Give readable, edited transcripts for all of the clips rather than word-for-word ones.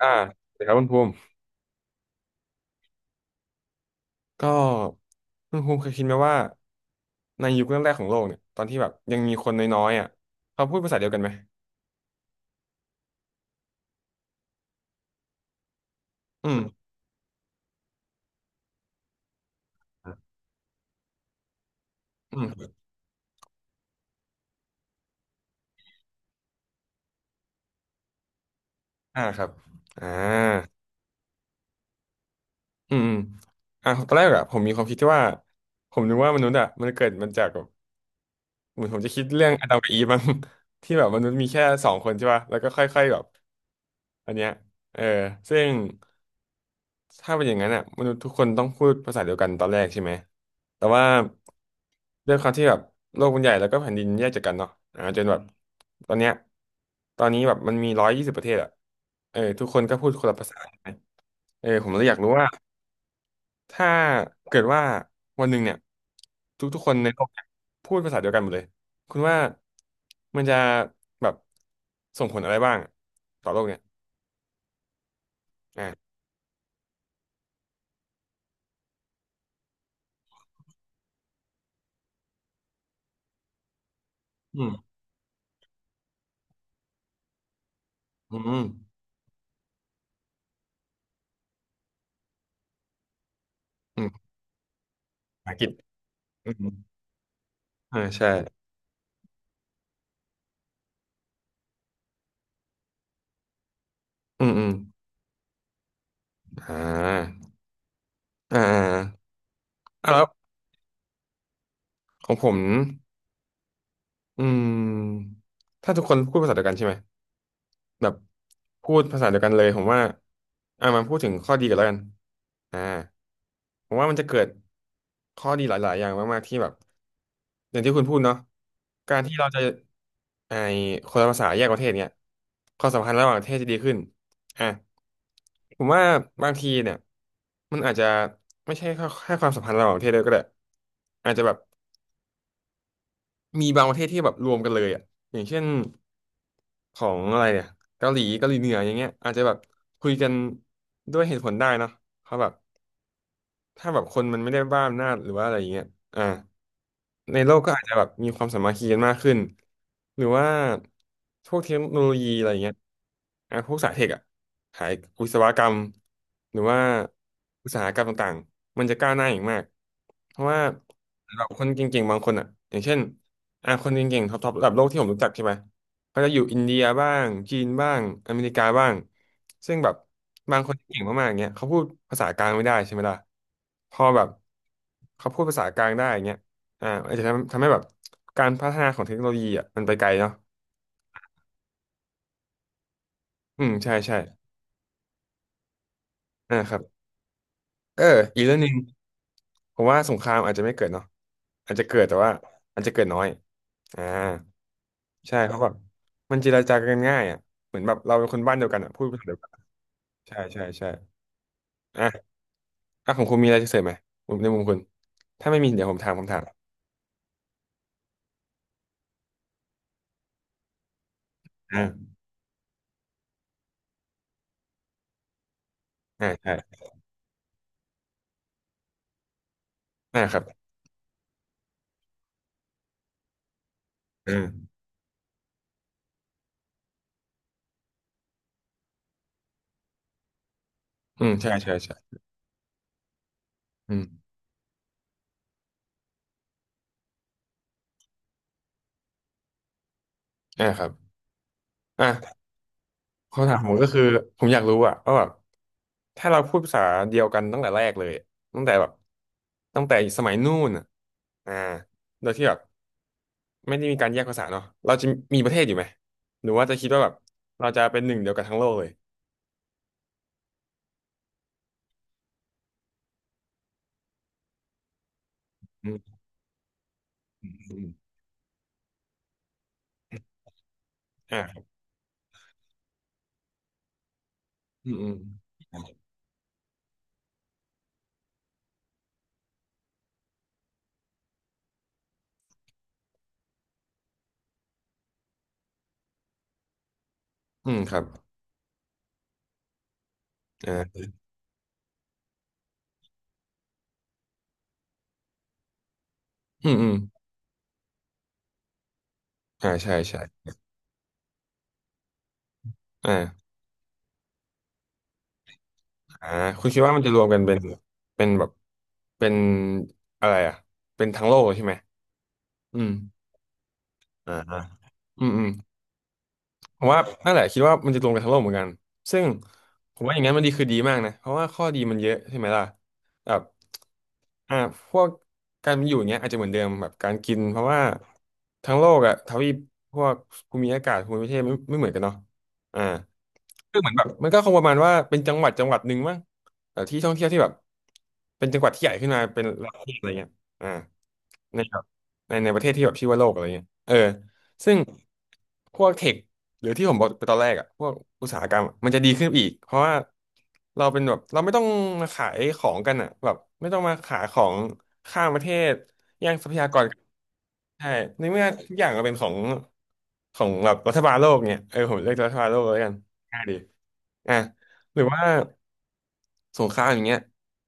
อ่าสวัสดีครับคุณภูมิก็คุณภูมิเคยคิดไหมว่าในยุคแรกๆของโลกเนี่ยตอนที่แบบยังมีคนน้อยๆอ่ะเขาพูดภาษาเดียวกันไหมอืมอืมอ่าครับอ่าอืมอืมอ่าตอนแรกอะผมมีความคิดที่ว่าผมนึกว่ามนุษย์อะมันเกิดมันจากแบบเหมือนผมจะคิดเรื่องอาดัมกับอีฟมั้ง ที่แบบมนุษย์มีแค่สองคนใช่ป่ะแล้วก็ค่อยๆแบบอันเนี้ยเออซึ่ง ถ้าเป็นอย่างนั้นอ่ะมนุษย์ทุกคนต้องพูดภาษาเดียวกันตอนแรกใช่ไหมแต่ว่าด้วยความที่แบบโลกมันใหญ่แล้วก็แผ่นดินแยกจากกันเนาะอ่าจนแบบตอนเนี้ยตอนนี้แบบมันมี120ประเทศอ่ะเออทุกคนก็พูดคนละภาษาใช่ไหมเออผมเลยอยากรู้ว่าถ้าเกิดว่าวันหนึ่งเนี่ยทุกๆคนในโลกเนี่ยพูดภาษาเดียวกันหมดเลยคุณว่ามันจะแบบส่งผลอะไรบ้างต่อโลกเนี่ยอ่าอืมอืมอืมภาษาอังกฤษอืมอ่าใช่ อืมอืมอ่าอ่าอ่าแล้วของผมอืม ถ้าทุกคนพูดภาษาเดียวกันใช่ไหม แบบพูดภาษาเดียวกันเลยผมว่าอ่ะมาพูดถึงข้อดีกันแล้วกันอ่าผมว่ามันจะเกิดข้อดีหลายๆอย่างมากๆที่แบบอย่างที่คุณพูดเนาะการที่เราจะไอคนละภาษาแยกประเทศเนี่ยความสัมพันธ์ระหว่างประเทศจะดีขึ้นอ่ะผมว่าบางทีเนี่ยมันอาจจะไม่ใช่แค่ความสัมพันธ์ระหว่างประเทศด้วยก็ได้อาจจะแบบ มีบางประเทศที่แบบรวมกันเลยอ่ะอย่างเช่นของอะไรเนี่ยเกาหลีเหนืออย่างเงี้ยอาจจะแบบคุยกันด้วยเหตุผลได้เนอะเพราะแบบถ้าแบบคนมันไม่ได้บ้าอำนาจหรือว่าอะไรอย่างเงี้ยอ่า ในโลกก็อาจจะแบบมีความสามัคคีกันมากขึ้นหรือว่าพวกเทคโนโลยีอะไรเงี้ยอ่ะพวกสายเทคอะสายวิศวกรรมหรือว่าอุตสาหกรรมต่างๆมันจะก้าวหน้าอย่างมากเพราะว่าแบบคนเก่งๆบางคนอะอย่างเช่นอ่ะคนเก่งๆท็อปๆระดับโลกที่ผมรู้จักใช่ไหมเขาจะอยู่อินเดียบ้างจีนบ้างอเมริกาบ้างซึ่งแบบบางคนที่เก่งมากๆเงี้ยเขาพูดภาษากลางไม่ได้ใช่ไหมล่ะพอแบบเขาพูดภาษากลางได้เงี้ย อ่าอาจจะทำให้แบบการพัฒนาของเทคโนโลยีอ่ะมันไปไกลเนาะอืมใช่ใช่อ่าครับเอออีกเรื่องหนึ่งผมว่าสงครามอาจจะไม่เกิดเนาะอาจจะเกิดแต่ว่าอาจจะเกิดน้อยอ่าใช่เพราะแบบมันเจรจากันง่ายอ่ะเหมือนแบบเราเป็นคนบ้านเดียวกันอ่ะพูดภาษาเดียวกันใช่ใช่ใช่อ่ะอ่ะของคุณมีอะไรจะเสริมไหมผมในมุมคุณถ้าไม่มีเดี๋ยวผมถามอ่าอ่าใช่อ่าครับอืมอืมใช่ใช่ใช่อืมอ่าครับอ่ะ คำถามผมก็คือผมอยากรู้อะว่าแบบถ้าเราพูดภาษาเดียวกันตั้งแต่แรกเลยตั้งแต่แบบตั้งแต่สมัยนู่นอะอ่าโดยที่แบบไม่ได้มีการแยกภาษาเนาะเราจะมีประเทศอยู่ไหมหรือว่าจะคิดว่าแบบเราจะเป็นหนึ่งเดียวกันทั้งโลกเลยอืมอืมอ่าครับอืมอืมอืมครับอ่าอืมอืมอ่าใช่ใช่อ่าอ่าคุณคิดว่ามันจะรวมกันเป็นเป็นแบบเป็นอะไรอะเป็นทั้งโลกเลยใช่ไหมอืมอ่าอืมอืม ผมว่านั่นแหละคิดว่ามันจะลงไปทั้งโลกเหมือนกันซึ่งผมว่าอย่างนั้นมันดีคือดีมากนะเพราะว่าข้อดีมันเยอะใช่ไหมล่ะแบบอ่าพวกการมีอยู่อย่างเงี้ยอาจจะเหมือนเดิมแบบการกินเพราะว่าทั้งโลกอะทวีปพวกภูมิอากาศภูมิประเทศไม่เหมือนกันเนาะอ่า คือเหมือนแบบมันก็คงประมาณว่าเป็นจังหวัดจังหวัดหนึ่งมั้งแต่ที่ท่องเที่ยวที่แบบเป็นจังหวัดที่ใหญ่ขึ้นมาเป็นระดับประเทศอะไรเงี้ยอ่าในแบบในประเทศที่แบบชื่อว่าโลกอะไรเงี้ยเออซึ่งพวกเทคหรือที่ผมบอกไปตอนแรกอ่ะพวกอุตสาหกรรมอะมันจะดีขึ้นอีกเพราะว่าเราเป็นแบบเราไม่ต้องมาขายของกันอะแบบไม่ต้องมาขายของข้ามประเทศแย่งทรัพยากรกันใช่ในเมื่อทุกอย่างมันเป็นของแบบรัฐบาลโลกเนี่ยเออผมเรียกรัฐบาลโลกแล้วกัน ง่ายดีอ่ะหรือว่าสงครามอย่างเงี้ย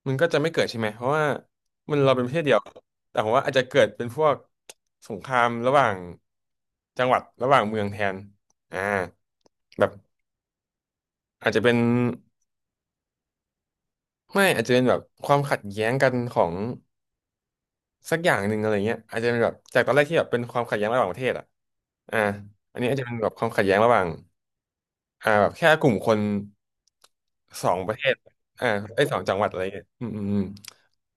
มันก็จะไม่เกิดใช่ไหม เพราะว่าเราเป็นประเทศเดียว แต่ผมว่าอาจจะเกิดเป็นพวกสงครามระหว่างจังหวัดระหว่างเมืองแทนอ่าแบบอาจจะเป็นไม่อาจจะเป็นแบบความขัดแย้งกันของสักอย่างหนึ่งอะไรเงี้ยอาจจะเป็นแบบจากตอนแรกที่แบบเป็นความขัดแย้งระหว่างประเทศอ่ะอ่าอันนี้อาจจะเป็นแบบความขัดแย้งระหว่างอ่าแบบแค่กลุ่มคนสองประเทศอ่าไอ้ยสองจังหวัดอะไรเงี้ยอืมอืมอืม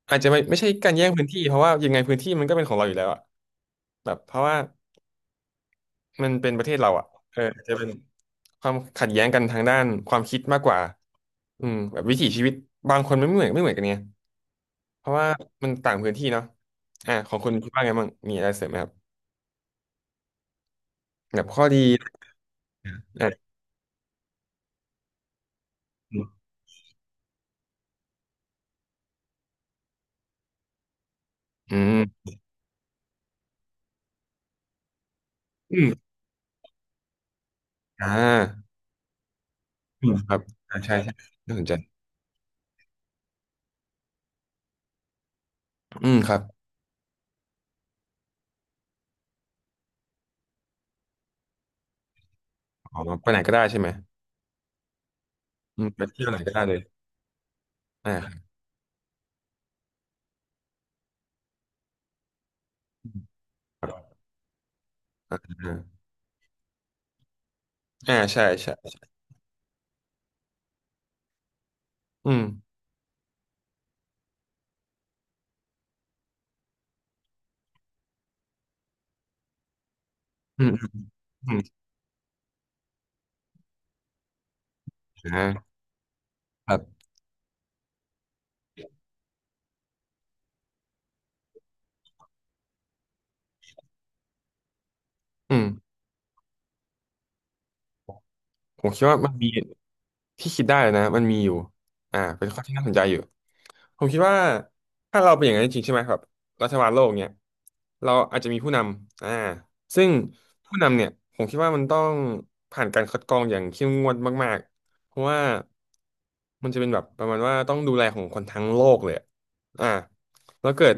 อาจจะไม่ใช่การแย่งพื้นที่เพราะว่ายังไงพื้นที่มันก็เป็นของเราอยู่แล้วอะแบบเพราะว่ามันเป็นประเทศเราอะเอออาจจะเป็นความขัดแย้งกันทางด้านความคิดมากกว่าอืมแบบวิถีชีวิตบางคนไม่เหมือนกันเนี่ยเพราะว่ามันต่างพื้นที่เนาะอ่ะของคุณคิดว่าไงบ้างมีอะไรเสริมไหมครับแบบข้อดีอ่ะอืมอืมอ่าอืมครับอ่าใช่ใช่น่าสนใจอืมครับอ๋อไปไหนก็ได้ใช่ไหมอืมไปเที่ยวไหนก็ได้เลยอ่าครับอ่าอ่าใช่ใช่ อืมอืมอืมอืมอ่ครับอืมผมคิดว่ามันมีที่คิดได้นะมันมีอยู่อ่าเป็นข้อที่น่าสนใจอยู่ผมคิดว่าถ้าเราเป็นอย่างนั้นจริงๆใช่ไหมครับรัฐบาลโลกเนี่ยเราอาจจะมีผู้นำอ่าซึ่งผู้นำเนี่ยผมคิดว่ามันต้องผ่านการคัดกรองอย่างเข้มงวดมากๆเพราะว่ามันจะเป็นแบบประมาณว่าต้องดูแลของคนทั้งโลกเลยอะอ่าแล้วเกิด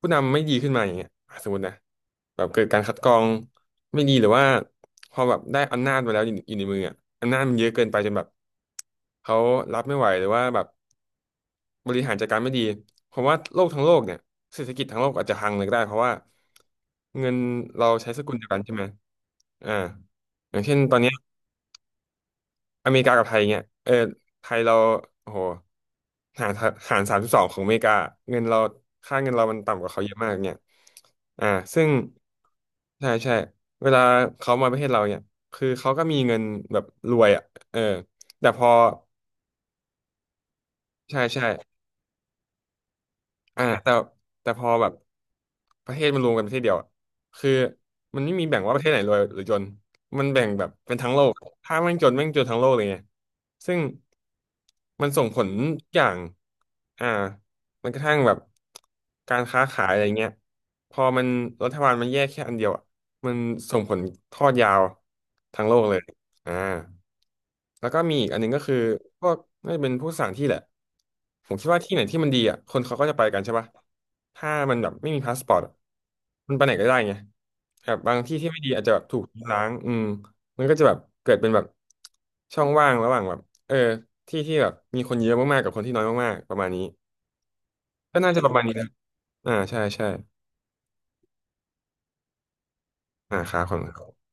ผู้นำไม่ดีขึ้นมาอย่างเงี้ยอ่ะสมมตินะ แบบเกิดการคัดกรองไม่ดีหรือว่าพอแบบได้อำนาจมาแล้วอยู่ในมืออ่ะอำนาจมันเยอะเกินไปจนแบบเขารับไม่ไหวหรือว่าแบบบริหารจัดการไม่ดีเพราะว่าโลกทั้งโลกเนี่ยเศรษฐกิจทั้งโลกอาจจะพังเลยก็ได้เพราะว่าเงินเราใช้สกุลเดียวกันใช่ไหมอ่าอย่างเช่นตอนเนี้ย อเมริกากับไทยเงี้ยเออไทยเราโอ้โหหารหาร32ของอเมริกาเงินเราค่าเงินเรามันต่ำกว่าเขาเยอะมากเนี่ยอ่าซึ่งใช่ใช่เวลาเขามาประเทศเราเนี่ย คือเขาก็มีเงินแบบรวยอ่ะเออแต่พอใช่ใช่ อ่าแต่แต่พอแบบประเทศมันรวมกันประเทศเดียวอะคือมันไม่มีแบ่งว่าประเทศไหนรวยหรือจนมันแบ่งแบบเป็นทั้งโลกถ้าแม่งจนแม่งจนทั้งโลกเลยไงซึ่งมันส่งผลทุกอย่างอ่ามันกระทั่งแบบการค้าขายอะไรเงี้ยพอมันรัฐบาลมันแยกแค่อันเดียวอะมันส่งผลทอดยาวทั้งโลกเลย อ่าแล้วก็มีอีกอันหนึงก็คือพวกน่าจะเป็นผู้สั่งที่แหละผมคิดว่าที่ไหนที่มันดีอ่ะคนเขาก็จะไปกันใช่ปะถ้ามันแบบไม่มีพาสปอร์ตอะมันไปไหนก็ได้ไงแบบบางที่ที่ไม่ดีอาจจะแบบถูกล้างอืมมันก็จะแบบเกิดเป็นแบบช่องว่างระหว่างแบบเออที่ที่แบบมีคนเยอะมากๆกับคนที่น้อยมากๆประมาณนี้ก็น่าจะประมาณนี้นะอ่าใช่ใช่อ่าครับผม